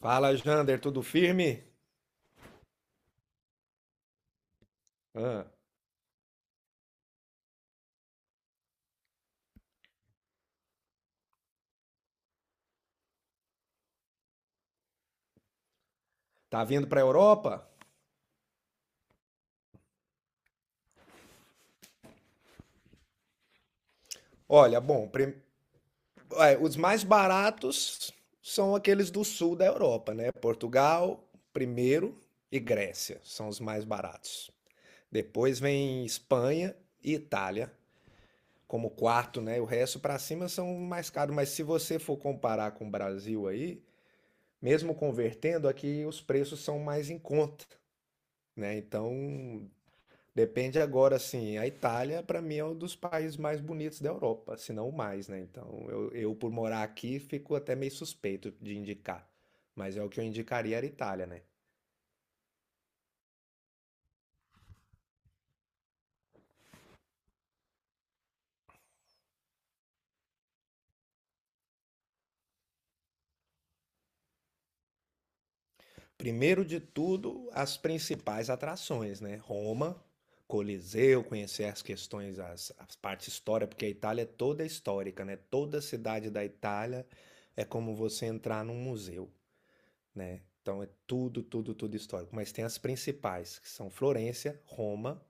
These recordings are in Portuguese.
Fala, Jander, tudo firme? Ah, tá vindo para a Europa? Olha, bom, os mais baratos são aqueles do sul da Europa, né? Portugal, primeiro, e Grécia são os mais baratos. Depois vem Espanha e Itália como quarto, né? O resto para cima são mais caros, mas se você for comparar com o Brasil aí, mesmo convertendo aqui, os preços são mais em conta, né? Então, depende agora, assim, a Itália para mim é um dos países mais bonitos da Europa, se não o mais, né? Então, eu por morar aqui fico até meio suspeito de indicar, mas é o que eu indicaria era a Itália, né? Primeiro de tudo, as principais atrações, né? Roma, Coliseu, conhecer as questões, as partes histórica, porque a Itália é toda histórica, né? Toda cidade da Itália é como você entrar num museu, né? Então é tudo, tudo, tudo histórico. Mas tem as principais, que são Florença, Roma,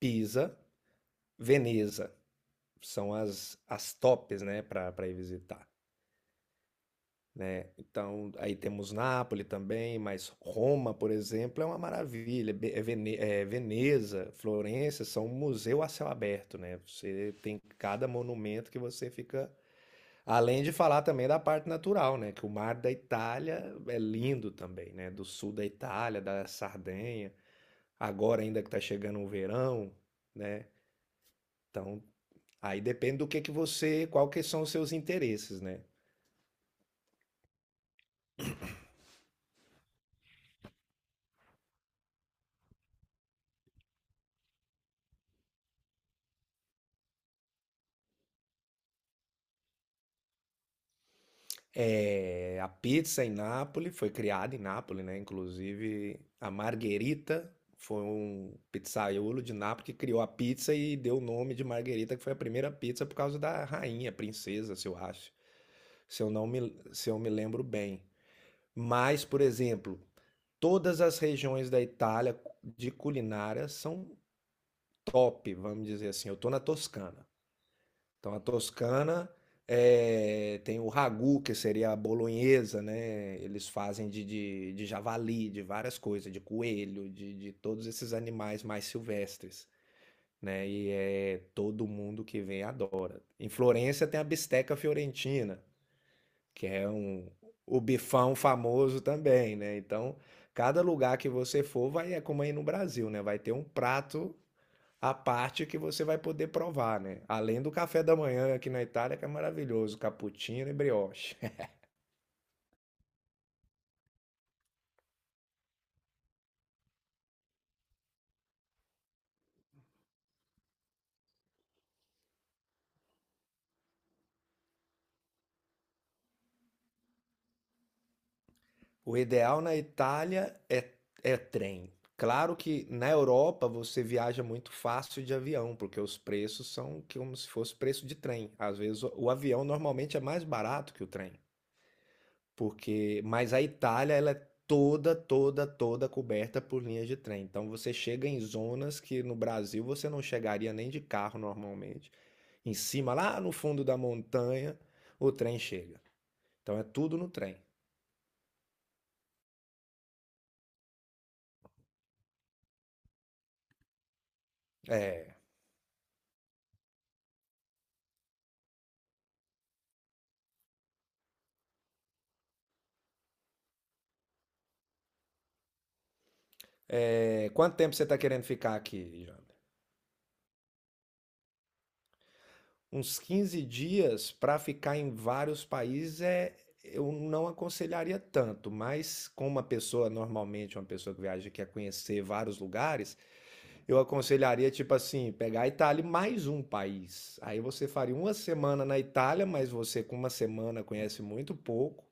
Pisa, Veneza, são as tops, né, para ir visitar, né. Então, aí temos Nápoles também, mas Roma, por exemplo, é uma maravilha. Be é Vene eh, Veneza, Florença, são um museu a céu aberto, né, você tem cada monumento que você fica, além de falar também da parte natural, né, que o mar da Itália é lindo também, né, do sul da Itália, da Sardenha, agora ainda que tá chegando o verão, né, então aí depende do que você, qual que são os seus interesses, né? É, a pizza em Nápoles foi criada em Nápoles, né? Inclusive a Margherita foi um pizzaiolo de Nápoles que criou a pizza e deu o nome de Margherita, que foi a primeira pizza por causa da rainha, princesa, se eu acho, se eu não me, se eu me lembro bem. Mas, por exemplo, todas as regiões da Itália de culinária são top, vamos dizer assim. Eu tô na Toscana. Então a Toscana tem o ragu, que seria a bolonhesa, né? Eles fazem de javali, de várias coisas, de coelho, de todos esses animais mais silvestres, né? E é todo mundo que vem adora. Em Florença tem a bisteca fiorentina, que é um o bifão famoso também, né? Então, cada lugar que você for vai é como aí no Brasil, né? Vai ter um prato a parte que você vai poder provar, né? Além do café da manhã aqui na Itália, que é maravilhoso, cappuccino e brioche. O ideal na Itália é trem. Claro que na Europa você viaja muito fácil de avião, porque os preços são como se fosse preço de trem. Às vezes o avião normalmente é mais barato que o trem. Porque, mas a Itália, ela é toda, toda, toda coberta por linhas de trem. Então você chega em zonas que no Brasil você não chegaria nem de carro normalmente. Em cima, lá no fundo da montanha, o trem chega. Então é tudo no trem. É. É, quanto tempo você está querendo ficar aqui, Jana? Uns 15 dias para ficar em vários países, eu não aconselharia tanto, mas como uma pessoa, normalmente uma pessoa que viaja quer conhecer vários lugares, eu aconselharia, tipo assim, pegar a Itália e mais um país. Aí você faria uma semana na Itália, mas você com uma semana conhece muito pouco,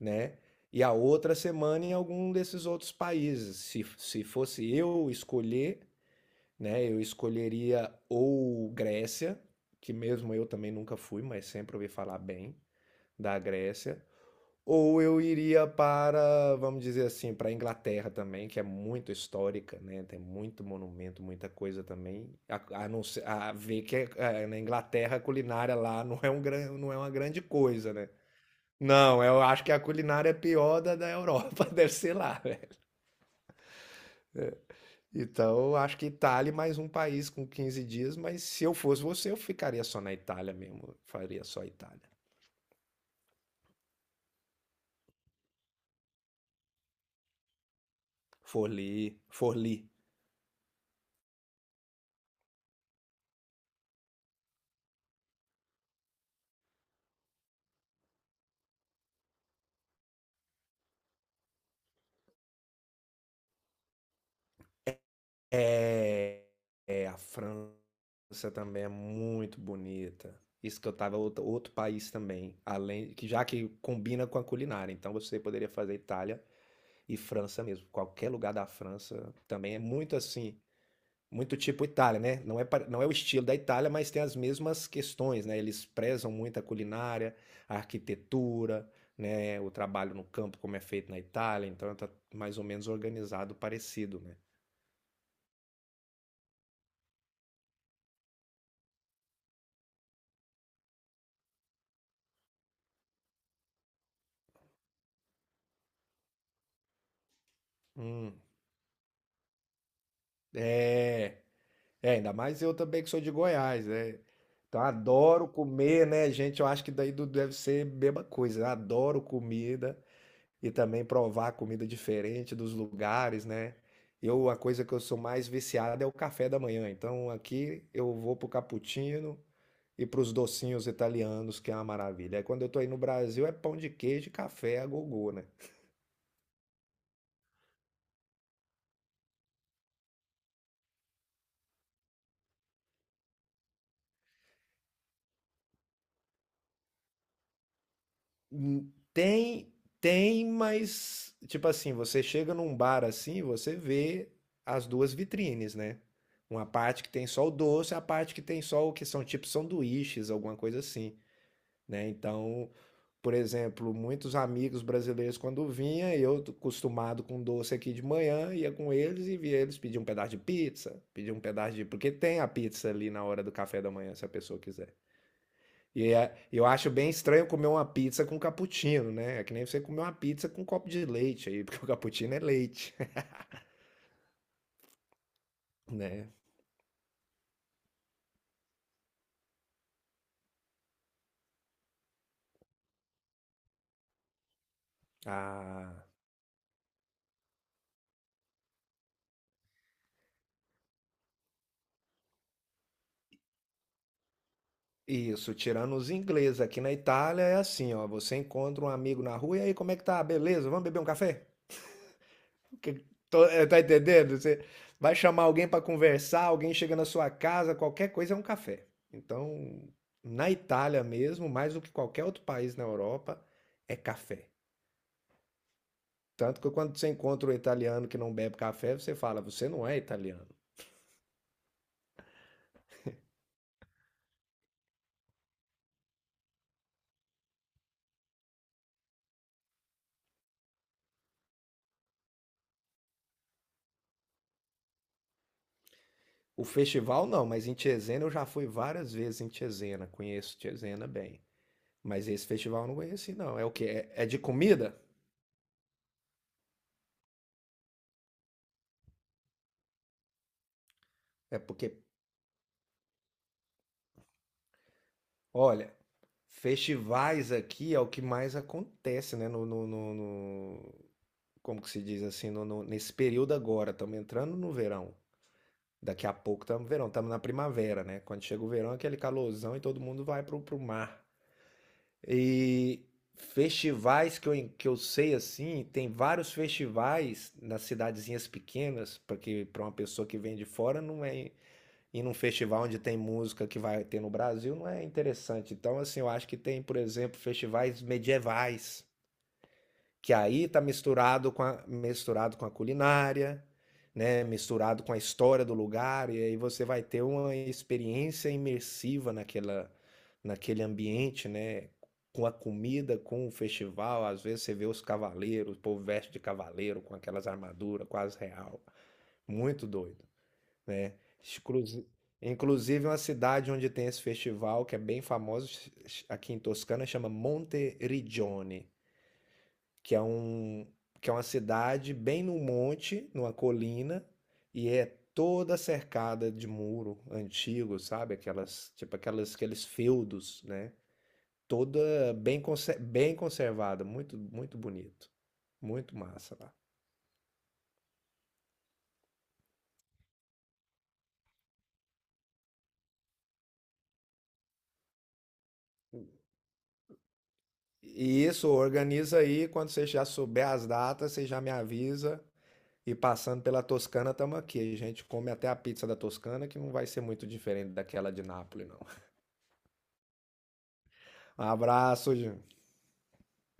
né? E a outra semana em algum desses outros países. Se fosse eu escolher, né? Eu escolheria ou Grécia, que mesmo eu também nunca fui, mas sempre ouvi falar bem da Grécia, ou eu iria para, vamos dizer assim, para a Inglaterra também, que é muito histórica, né? Tem muito monumento, muita coisa também. A não ser- a ver que é- na Inglaterra a culinária lá não é uma grande coisa, né? Não, eu acho que a culinária é pior da da Europa, deve ser lá, né? Então, eu acho que Itália e mais um país com 15 dias, mas se eu fosse você, eu ficaria só na Itália mesmo, faria só Itália. Forli, Forli. É, é, a França também é muito bonita. Isso que eu tava, outro país também, além que já que combina com a culinária, então você poderia fazer Itália e França mesmo. Qualquer lugar da França também é muito assim, muito tipo Itália, né? Não é, não é o estilo da Itália, mas tem as mesmas questões, né? Eles prezam muito a culinária, a arquitetura, né? O trabalho no campo, como é feito na Itália, então tá mais ou menos organizado, parecido, né? Hum. É, é, ainda mais eu também que sou de Goiás, né? Então adoro comer, né, gente? Eu acho que daí do- deve ser a mesma coisa, né? Adoro comida, e também provar comida diferente dos lugares, né? Eu, a coisa que eu sou mais viciado é o café da manhã. Então aqui eu vou pro cappuccino e pros docinhos italianos, que é uma maravilha. Aí quando eu tô aí no Brasil é pão de queijo e café a gogô, né? Hum, Tem, tem, mas tipo assim, você chega num bar assim, você vê as duas vitrines, né? Uma parte que tem só o doce, a parte que tem só o que são tipo sanduíches, alguma coisa assim, né? Então, por exemplo, muitos amigos brasileiros quando vinha, eu acostumado com doce aqui de manhã, ia com eles e via eles pedir um pedaço de pizza, pedir um pedaço de, porque tem a pizza ali na hora do café da manhã, se a pessoa quiser. Eu acho bem estranho comer uma pizza com cappuccino, né? É que nem você comer uma pizza com um copo de leite aí, porque o cappuccino é leite, né? Ah, isso, tirando os ingleses, aqui na Itália é assim, ó, você encontra um amigo na rua e aí, como é que tá? Beleza? Vamos beber um café? Que- tá entendendo? Você vai chamar alguém para conversar, alguém chega na sua casa, qualquer coisa é um café. Então, na Itália mesmo, mais do que qualquer outro país na Europa, é café. Tanto que quando você encontra um italiano que não bebe café, você fala, você não é italiano. O festival não, mas em Cesena eu já fui várias vezes em Cesena, conheço Cesena bem. Mas esse festival eu não conheci, não. É o quê? É, é de comida? É porque, olha, festivais aqui é o que mais acontece, né? Como que se diz assim, nesse período agora, estamos entrando no verão. Daqui a pouco estamos no verão, estamos na primavera, né? Quando chega o verão, é aquele calorzão e todo mundo vai pro, pro mar. E festivais que eu sei assim, tem vários festivais nas cidadezinhas pequenas, porque para uma pessoa que vem de fora não é ir num festival onde tem música que vai ter no Brasil não é interessante. Então, assim, eu acho que tem, por exemplo, festivais medievais, que aí tá misturado com a culinária, né? Misturado com a história do lugar, e aí você vai ter uma experiência imersiva naquele ambiente, né? Com a comida, com o festival, às vezes você vê os cavaleiros, o povo veste de cavaleiro com aquelas armaduras quase real. Muito doido, né? Exclusi- Inclusive uma cidade onde tem esse festival que é bem famoso aqui em Toscana chama Monteriggioni, que é um que é uma cidade bem no monte, numa colina e é toda cercada de muro antigo, sabe? Aquelas, tipo aquelas, aqueles feudos, né? Toda bem conservada, muito muito bonito, muito massa lá. E isso organiza aí quando você já souber as datas, você já me avisa. E passando pela Toscana, estamos aqui. A gente come até a pizza da Toscana, que não vai ser muito diferente daquela de Nápoles, não. Um abraço, Ju.